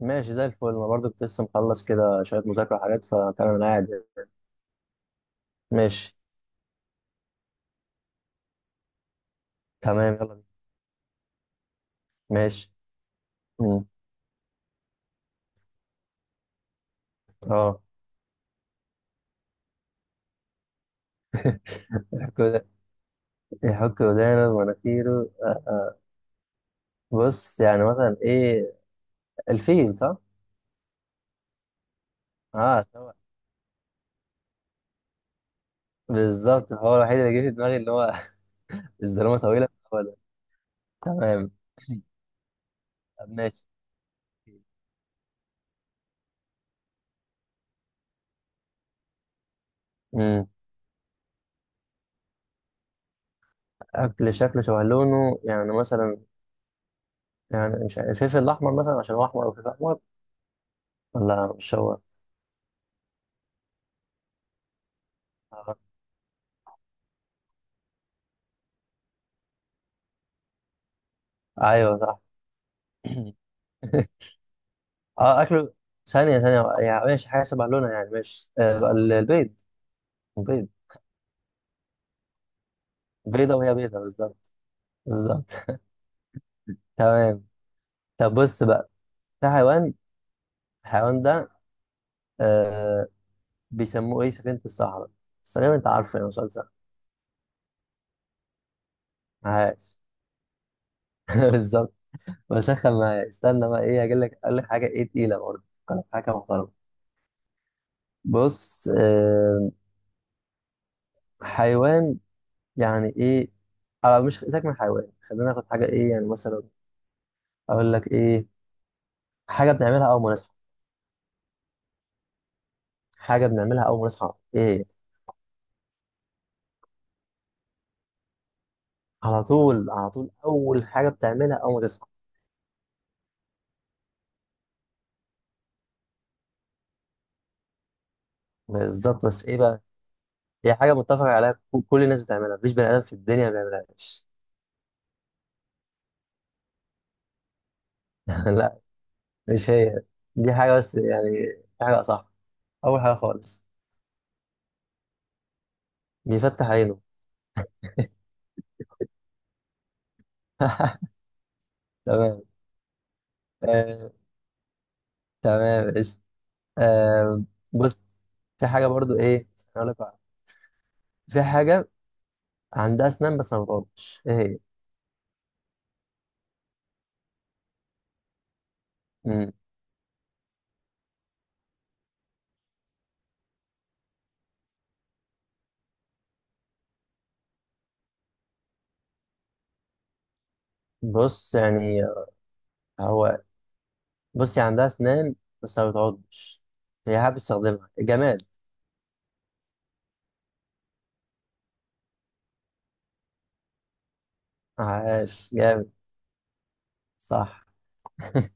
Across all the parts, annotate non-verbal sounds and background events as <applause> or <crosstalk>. ماشي، زي الفل. انا برضو كنت لسه مخلص كده شويه مذاكره وحاجات، فتمام انا قاعد يعني. ماشي. تمام، يلا بينا. ماشي. مم. اه. <laughs> يحك ودا- يحك ودانه ومناخيره، آه، آه. بص يعني مثلا ايه؟ الفيل، صح؟ اه سوا. بالظبط، هو الوحيد اللي جه في دماغي، اللي هو <laughs> الزلمه طويله. هو ده. تمام. طب ماشي. مم. أكل شكله شبه لونه يعني، مثلا يعني، مش عارف الفلفل الأحمر مثلا، عشان هو أحمر، أو فلفل أحمر، ولا مش هو؟ آه. ايوه صح. <laughs> اه، اكله. ثانيه ثانيه، يعني ماشي حاجه شبه لونها يعني، ماشي. البيض. البيض، بيضه وهي بيضه بالظبط. بالظبط. <laughs> تمام. طب بص بقى. في حيوان، الحيوان ده آه بيسموه ايه؟ سفينه الصحراء. بس تقريبا انت عارفه، يعني مسلسل معاش. <laughs> بالظبط. بسخن معايا. استنى بقى، ايه هجيب لك؟ اقول لك حاجه ايه تقيله برضه. أقول لك حاجه محترمه. بص، آه، حيوان يعني ايه؟ مش، سيبك من حيوان، خلينا ناخد حاجه ايه، يعني مثلا. اقول لك ايه. حاجه بنعملها اول ما نصحى، حاجه بنعملها اول ما نصحى، ايه هي؟ على طول، على طول، اول حاجه بتعملها اول ما تصحى. بالظبط. بس ايه بقى، هي حاجه متفق عليها، كل الناس بتعملها، مفيش بني ادم في الدنيا ما بيعملهاش. <laughs> لا، مش هي. دي حاجه بس، يعني حاجه صح، اول حاجه خالص، بيفتح عينه. <laughs> تمام. آه، تمام قشطة. آه، بص، في حاجه برضو ايه، اقول لك بقى. في حاجه عندها اسنان بس ما بتعضش، ايه هي؟ مم. بص يعني، هو، بصي، عندها اسنان بس ما بتعضش، هي حابة تستخدمها جمال. عاش جامد. صح. <laughs>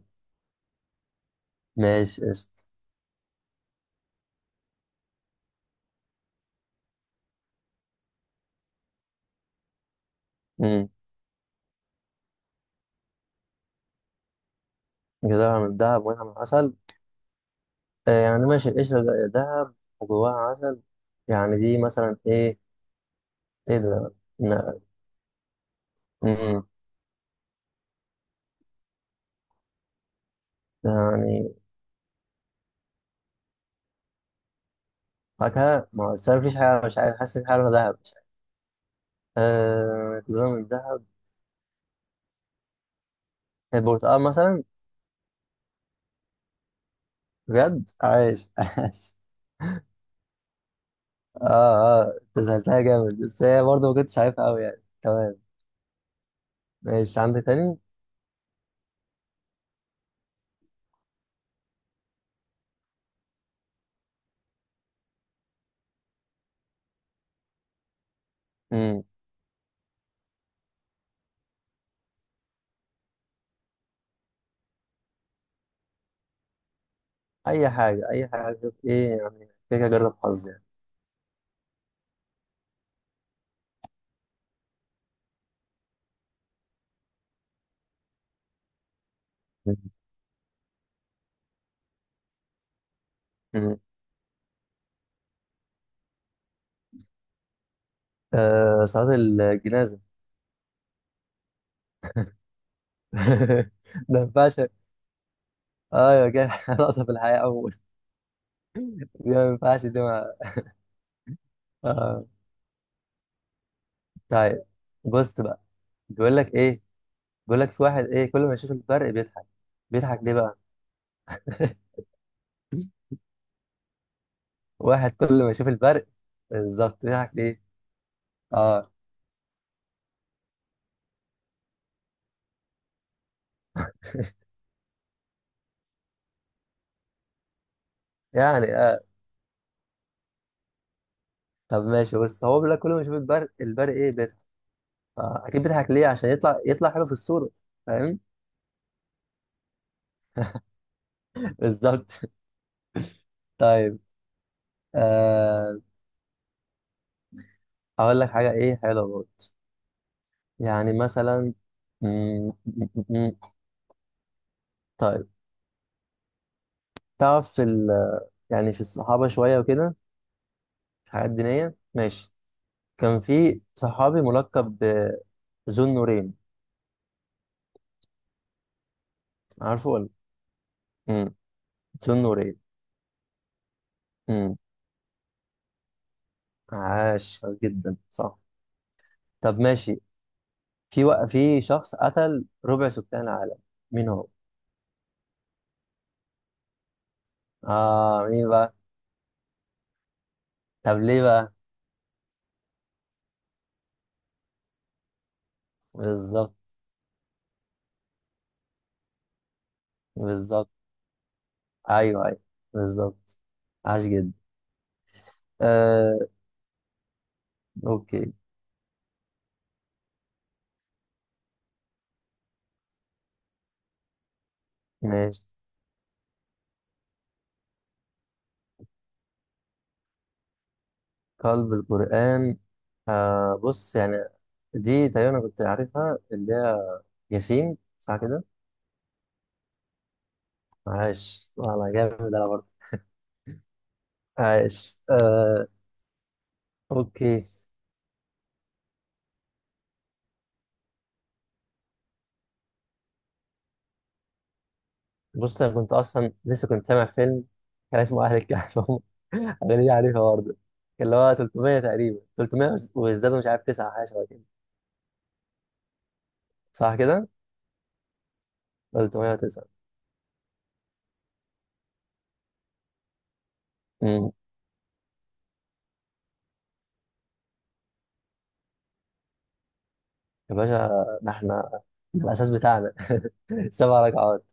طيب ماشي قشطة. مم. جدارها من دهب وينها من عسل. يعني ماشي، القشرة دهب وجواها عسل، يعني دي مثلا ايه؟ ايه ده؟ لا. مم. يعني فاكهة. ما هو أصل أنا مفيش حاجة، مش عارف، حاسس إن في حاجة لونها دهب، مش عارف. جدارها من دهب. البرتقال مثلا. بجد عايش. <laughs> اه، اه، انت سألتها جامد، بس هي برضه ما كنتش عارفها قوي يعني. تمام. ماشي، عندك تاني؟ امم اي حاجه، اي حاجه، شوف ايه يعني، كده كده اجرب حظ يعني. امم آه، صلاه الجنازه. <laughs> ده ما ينفعش. اه يا جدع. <laughs> ناقصه في الحياه اول، دي ما ينفعش، دي ما. آه. طيب بص بقى، بيقول لك ايه، بيقول لك في واحد، ايه، كل ما يشوف الفرق بيضحك، بيضحك ليه بقى؟ <laughs> واحد كل ما يشوف الفرق، بالظبط، بيضحك ليه؟ اه يعني. طب ماشي، بس هو بيقول لك كل ما يشوف البرق، البرق، ايه، بيضحك، فاكيد بيضحك ليه عشان يطلع حلو في الصوره، فاهم. <laughs> بالظبط. طيب. آه... اقول لك حاجه ايه حلوه برضه، يعني مثلا. مم، مم، مم. طيب تعرف في يعني في الصحابه شويه وكده، في حاجات دينيه ماشي. كان في صحابي ملقب ذو النورين، عارفه ولا؟ مم. ذو النورين. مم. عاش عاش جدا. صح. طب ماشي. في في شخص قتل ربع سكان العالم، مين هو؟ اه مين بقى؟ طب ليه بقى؟ بالظبط. بالظبط. ايوه ايوه. بالظبط. عاش جدا. آه اوكي. ماشي، قلب القرآن. بص يعني، دي تقريبا انا كنت عارفها، اللي هي ياسين، صح كده؟ عاش والله جامد، انا برضه. عاش. اوكي. بص، انا كنت اصلا لسه كنت سامع فيلم، كان اسمه اهل الكهف. <laughs> انا ليه عارفها برضه، اللي هو 300، تقريبا 300 وازدادوا، مش عارف، 9، حاجه شبه كده. صح كده، 309. امم يا باشا، ده احنا، ده الاساس بتاعنا. <laughs> سبع ركعات.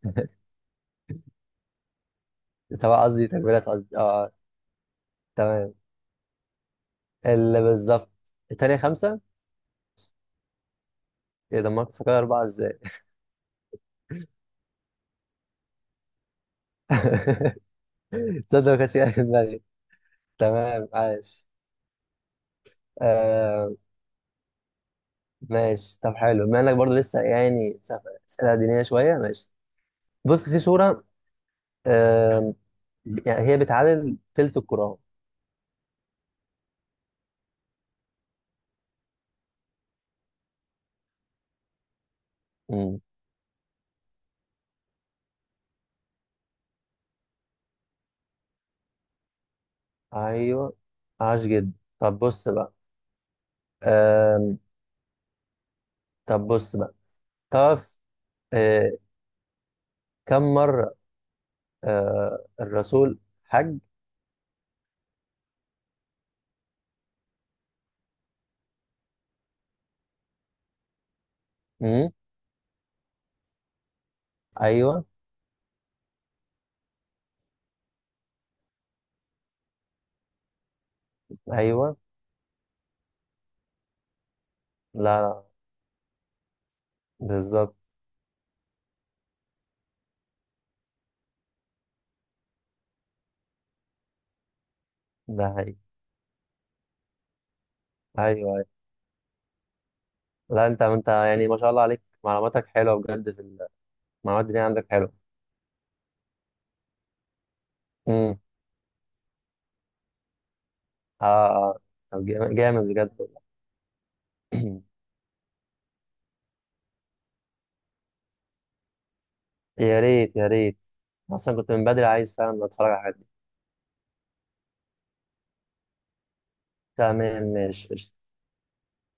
سبع قصدي تكبيرات، قصدي اه، آه. تمام، اللي بالظبط التانية خمسة. ايه ده، ما كنت فاكر أربعة ازاي؟ <laughs> تصدق، ما كانتش جاية في دماغي. تمام، عاش. آه ماشي. طب حلو، بما انك برضه لسه يعني اسئله دينيه شويه، ماشي. بص، في سوره، يعني هي بتعادل تلت الكرة. مم. ايوه، عاش جدا. طب بص بقى. آم. طب بص بقى، تعرف، آه. كم مرة، الرسول حج؟ مم. ايوه ايوه. لا لا. بالظبط. ده حقيقي. ايوه، أيوة. لا، انت يعني ما شاء الله عليك، معلوماتك حلوه بجد في المعلومات دي عندك حلوه. امم اه، آه. طب جامد جامد بجد والله. <clears throat> يا ريت، يا ريت، اصلا كنت من بدري عايز فعلا اتفرج على الحاجات دي. تمام ماشي قشطة.